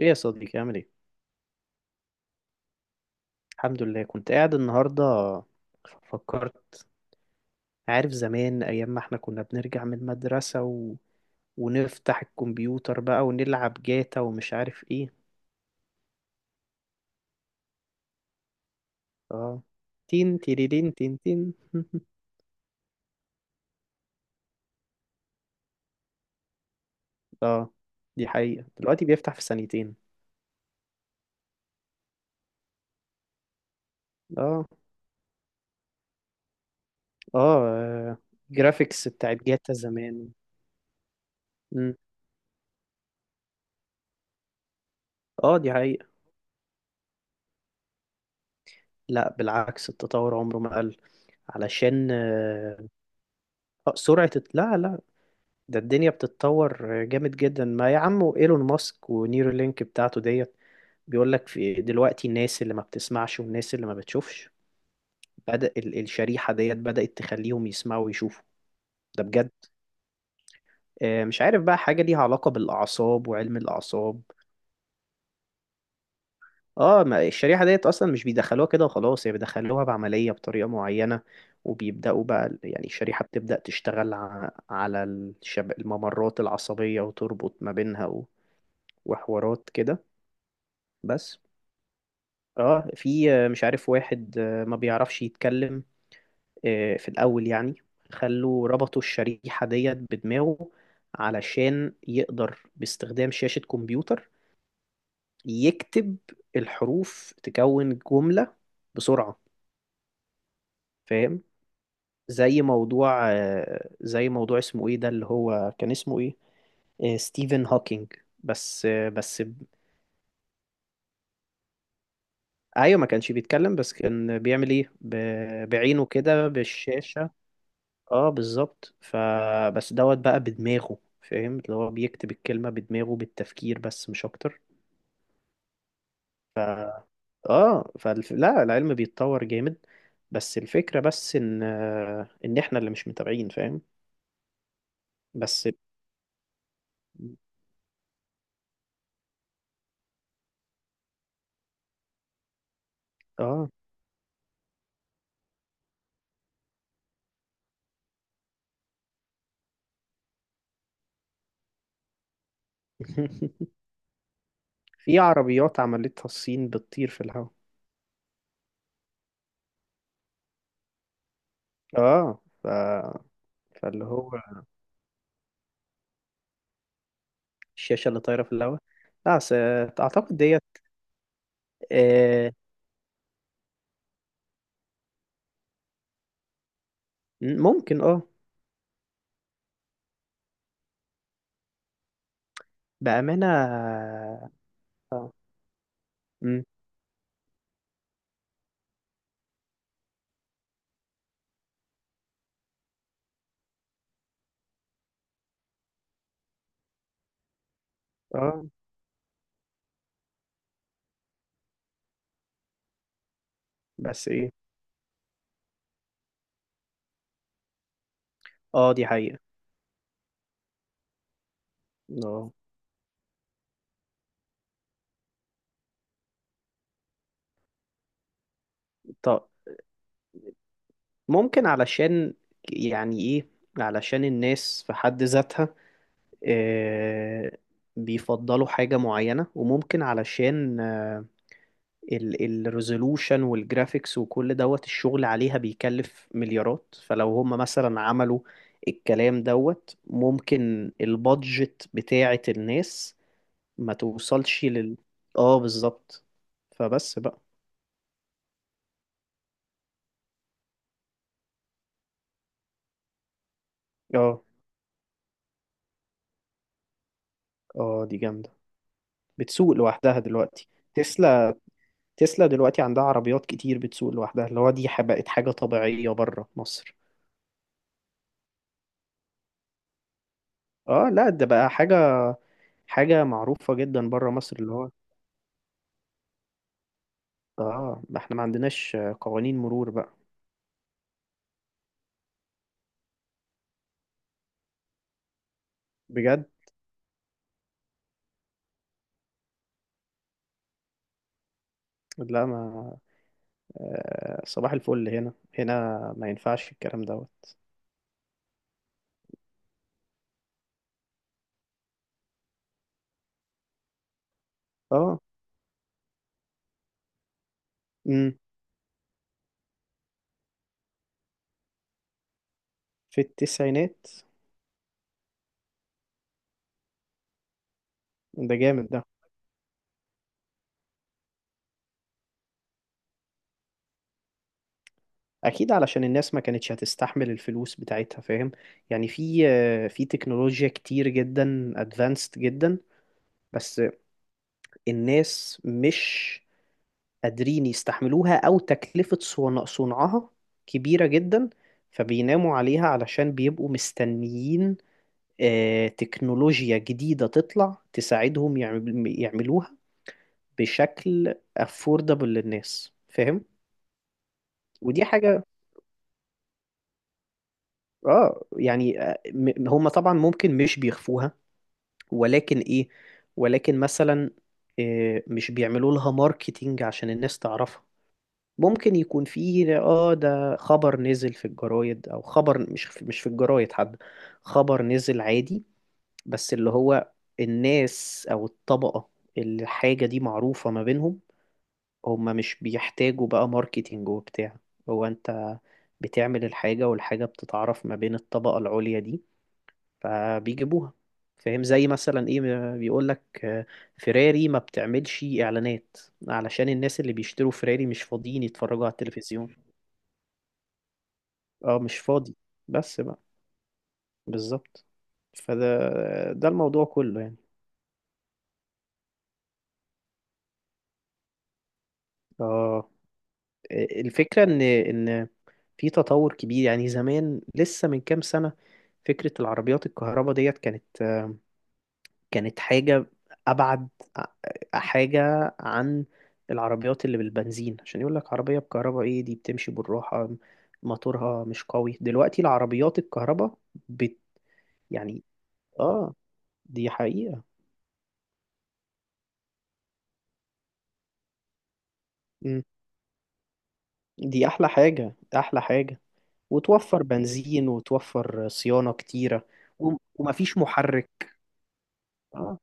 ايه يا صديقي، عامل ايه؟ الحمد لله. كنت قاعد النهارده فكرت، عارف زمان، ايام ما احنا كنا بنرجع من المدرسة و ونفتح الكمبيوتر بقى ونلعب جاتا ومش عارف ايه. اه. تين تيريرين تين تين. اه، دي حقيقة، دلوقتي بيفتح في ثانيتين. اه. اه، جرافيكس بتاعت جاتا زمان. مم. اه، دي حقيقة. لا بالعكس، التطور عمره ما قل، علشان سرعة الت- لا لا ده الدنيا بتتطور جامد جدا، ما يا عم ايلون ماسك ونيورالينك بتاعته ديت بيقول لك في دلوقتي الناس اللي ما بتسمعش والناس اللي ما بتشوفش. الشريحة ديت بدأت تخليهم يسمعوا ويشوفوا. ده بجد. مش عارف بقى حاجة ليها علاقة بالأعصاب وعلم الأعصاب. اه، ما الشريحة ديت أصلا مش بيدخلوها كده وخلاص، هي بيدخلوها بعملية بطريقة معينة، وبيبدأوا بقى يعني الشريحة بتبدأ تشتغل على الممرات العصبية وتربط ما بينها وحوارات كده. بس. اه، في مش عارف واحد ما بيعرفش يتكلم. في الأول يعني خلوا ربطوا الشريحة ديت بدماغه علشان يقدر باستخدام شاشة كمبيوتر يكتب الحروف تكون جملة بسرعة. فاهم؟ زي موضوع اسمه ايه ده، اللي هو كان اسمه ايه؟ ستيفن هوكينج. بس. ايوه، ما كانش بيتكلم بس كان بيعمل ايه، بعينه كده بالشاشة. اه بالظبط، فبس دوت بقى بدماغه، فاهم؟ اللي هو بيكتب الكلمة بدماغه بالتفكير بس، مش اكتر. اه، لا، العلم بيتطور جامد. بس الفكرة بس ان احنا اللي مش متابعين، فاهم؟ بس. اه. في عربيات عملتها الصين بتطير في الهواء. اه، فاللي هو الشاشة اللي طايرة في الهواء. لا بس اعتقد ديت. آه. ممكن، اه. بأمانة. اه. مم. آه. بس ايه؟ اه، دي حقيقة. اه. طب ممكن علشان، يعني ايه، علشان الناس في حد ذاتها، آه، بيفضلوا حاجة معينة، وممكن علشان الريزولوشن والجرافيكس وكل دوت الشغل عليها بيكلف مليارات، فلو هم مثلا عملوا الكلام دوت ممكن البادجت بتاعة الناس ما توصلش لل. اه بالظبط، فبس بقى. اه. اه، دي جامدة. بتسوق لوحدها دلوقتي تسلا. تسلا دلوقتي عندها عربيات كتير بتسوق لوحدها، اللي هو دي بقت حاجة طبيعية بره مصر. اه لا، ده بقى حاجة، حاجة معروفة جدا بره مصر، اللي هو. اه، ما احنا ما عندناش قوانين مرور بقى. بجد. لا ما. صباح الفل هنا، هنا ما ينفعش الكلام دوت. اه. امم في التسعينات. ده جامد ده. اكيد علشان الناس ما كانتش هتستحمل الفلوس بتاعتها، فاهم؟ يعني في تكنولوجيا كتير جدا، ادفانسد جدا. بس الناس مش قادرين يستحملوها، او تكلفة صنعها كبيرة جدا، فبيناموا عليها علشان بيبقوا مستنيين تكنولوجيا جديدة تطلع تساعدهم يعملوها بشكل affordable للناس، فاهم؟ ودي حاجة. اه يعني هم طبعا ممكن مش بيخفوها، ولكن ايه، ولكن مثلا مش بيعملوا لها ماركتينج عشان الناس تعرفها. ممكن يكون فيه اه، ده خبر نزل في الجرايد او خبر مش في الجرايد، حد خبر نزل عادي، بس اللي هو الناس او الطبقة اللي الحاجة دي معروفة ما بينهم، هما مش بيحتاجوا بقى ماركتينج وبتاع. هو انت بتعمل الحاجة، والحاجة بتتعرف ما بين الطبقة العليا دي، فبيجيبوها، فاهم؟ زي مثلا ايه، بيقول لك فيراري ما بتعملش اعلانات، علشان الناس اللي بيشتروا فيراري مش فاضيين يتفرجوا على التلفزيون. اه، مش فاضي. بس بقى. بالظبط. فده، ده الموضوع كله يعني. اه، الفكرة ان في تطور كبير، يعني زمان لسه من كام سنة فكرة العربيات الكهرباء ديت كانت حاجة أبعد، حاجة عن العربيات اللي بالبنزين، عشان يقول لك عربية بكهرباء، إيه دي بتمشي بالراحة، موتورها مش قوي. دلوقتي العربيات الكهرباء بت يعني، آه، دي حقيقة. مم. دي أحلى حاجة أحلى حاجة، وتوفر بنزين وتوفر صيانة كتيرة، ومفيش محرك. آه.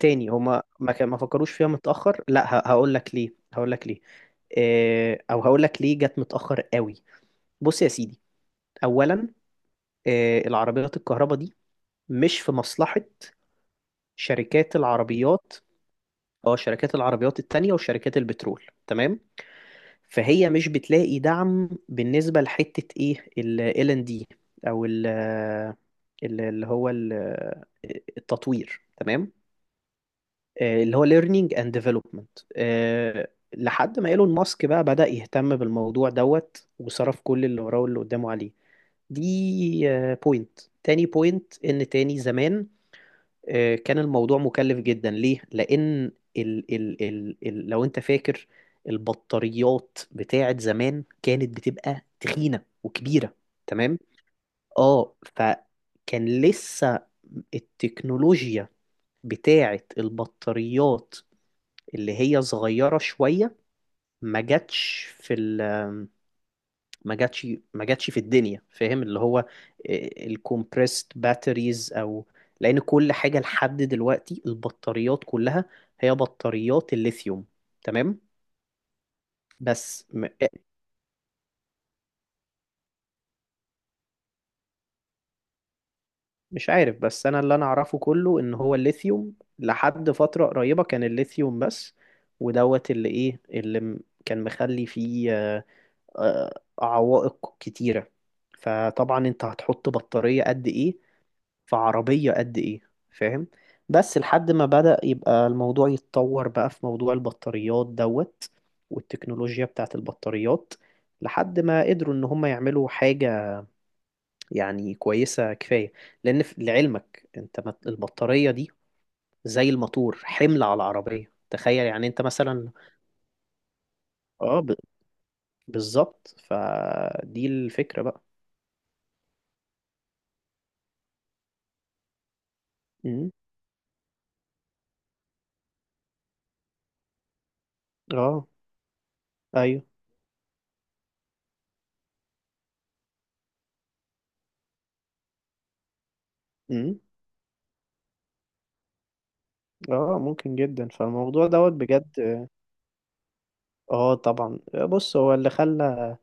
تاني، هما ما فكروش فيها متأخر، لا هقول لك ليه هقول لك ليه، او هقول لك ليه جت متأخر قوي. بص يا سيدي، اولا العربيات الكهرباء دي مش في مصلحة شركات العربيات. اه، شركات العربيات التانية وشركات البترول، تمام. فهي مش بتلاقي دعم بالنسبة لحتة ايه ال إل ان دي، او ال- اللي هو ال- التطوير، تمام. اللي هو learning and development. لحد ما ايلون ماسك بقى بدأ يهتم بالموضوع دوت وصرف كل اللي وراه واللي قدامه عليه. دي بوينت. تاني بوينت، ان تاني زمان كان الموضوع مكلف جدا، ليه؟ لأن ال ال ال ال لو أنت فاكر البطاريات بتاعت زمان كانت بتبقى تخينة وكبيرة. تمام؟ اه، فكان لسه التكنولوجيا بتاعت البطاريات اللي هي صغيرة شوية ما جاتش في ال ما جاتش ما جاتش في الدنيا، فاهم؟ اللي هو الكومبريست باتريز، او لان كل حاجه لحد دلوقتي البطاريات كلها هي بطاريات الليثيوم، تمام. بس مش عارف، بس انا اللي اعرفه كله ان هو الليثيوم، لحد فتره قريبه كان الليثيوم بس، ودوت اللي ايه كان مخلي فيه عوائق كتيره. فطبعا انت هتحط بطاريه قد ايه في عربية قد إيه، فاهم؟ بس لحد ما بدأ يبقى الموضوع يتطور بقى في موضوع البطاريات دوت والتكنولوجيا بتاعت البطاريات، لحد ما قدروا إن هم يعملوا حاجة يعني كويسة كفاية، لأن لعلمك أنت البطارية دي زي الموتور، حمل على العربية، تخيل يعني أنت مثلا. اه بالظبط، فدي الفكرة بقى. امم اه. ايوه. امم اه، ممكن جدا، فالموضوع دوت بجد. اه طبعا. بص، هو اللي خلى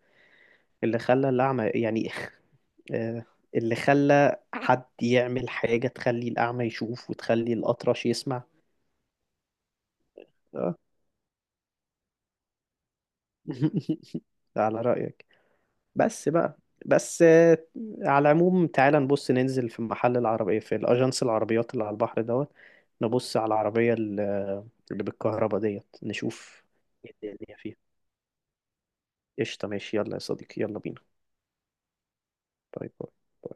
اللي خلى الأعمى يعني آه، اللي خلى حد يعمل حاجة تخلي الأعمى يشوف وتخلي الأطرش يسمع. آه. على رأيك. بس بقى. بس على العموم، تعالى نبص ننزل في محل العربية في الأجنس، العربيات اللي على البحر دوت، نبص على العربية اللي بالكهرباء ديت، نشوف ايه الدنيا فيها. قشطة، ماشي، يلا يا صديقي، يلا بينا. باي باي.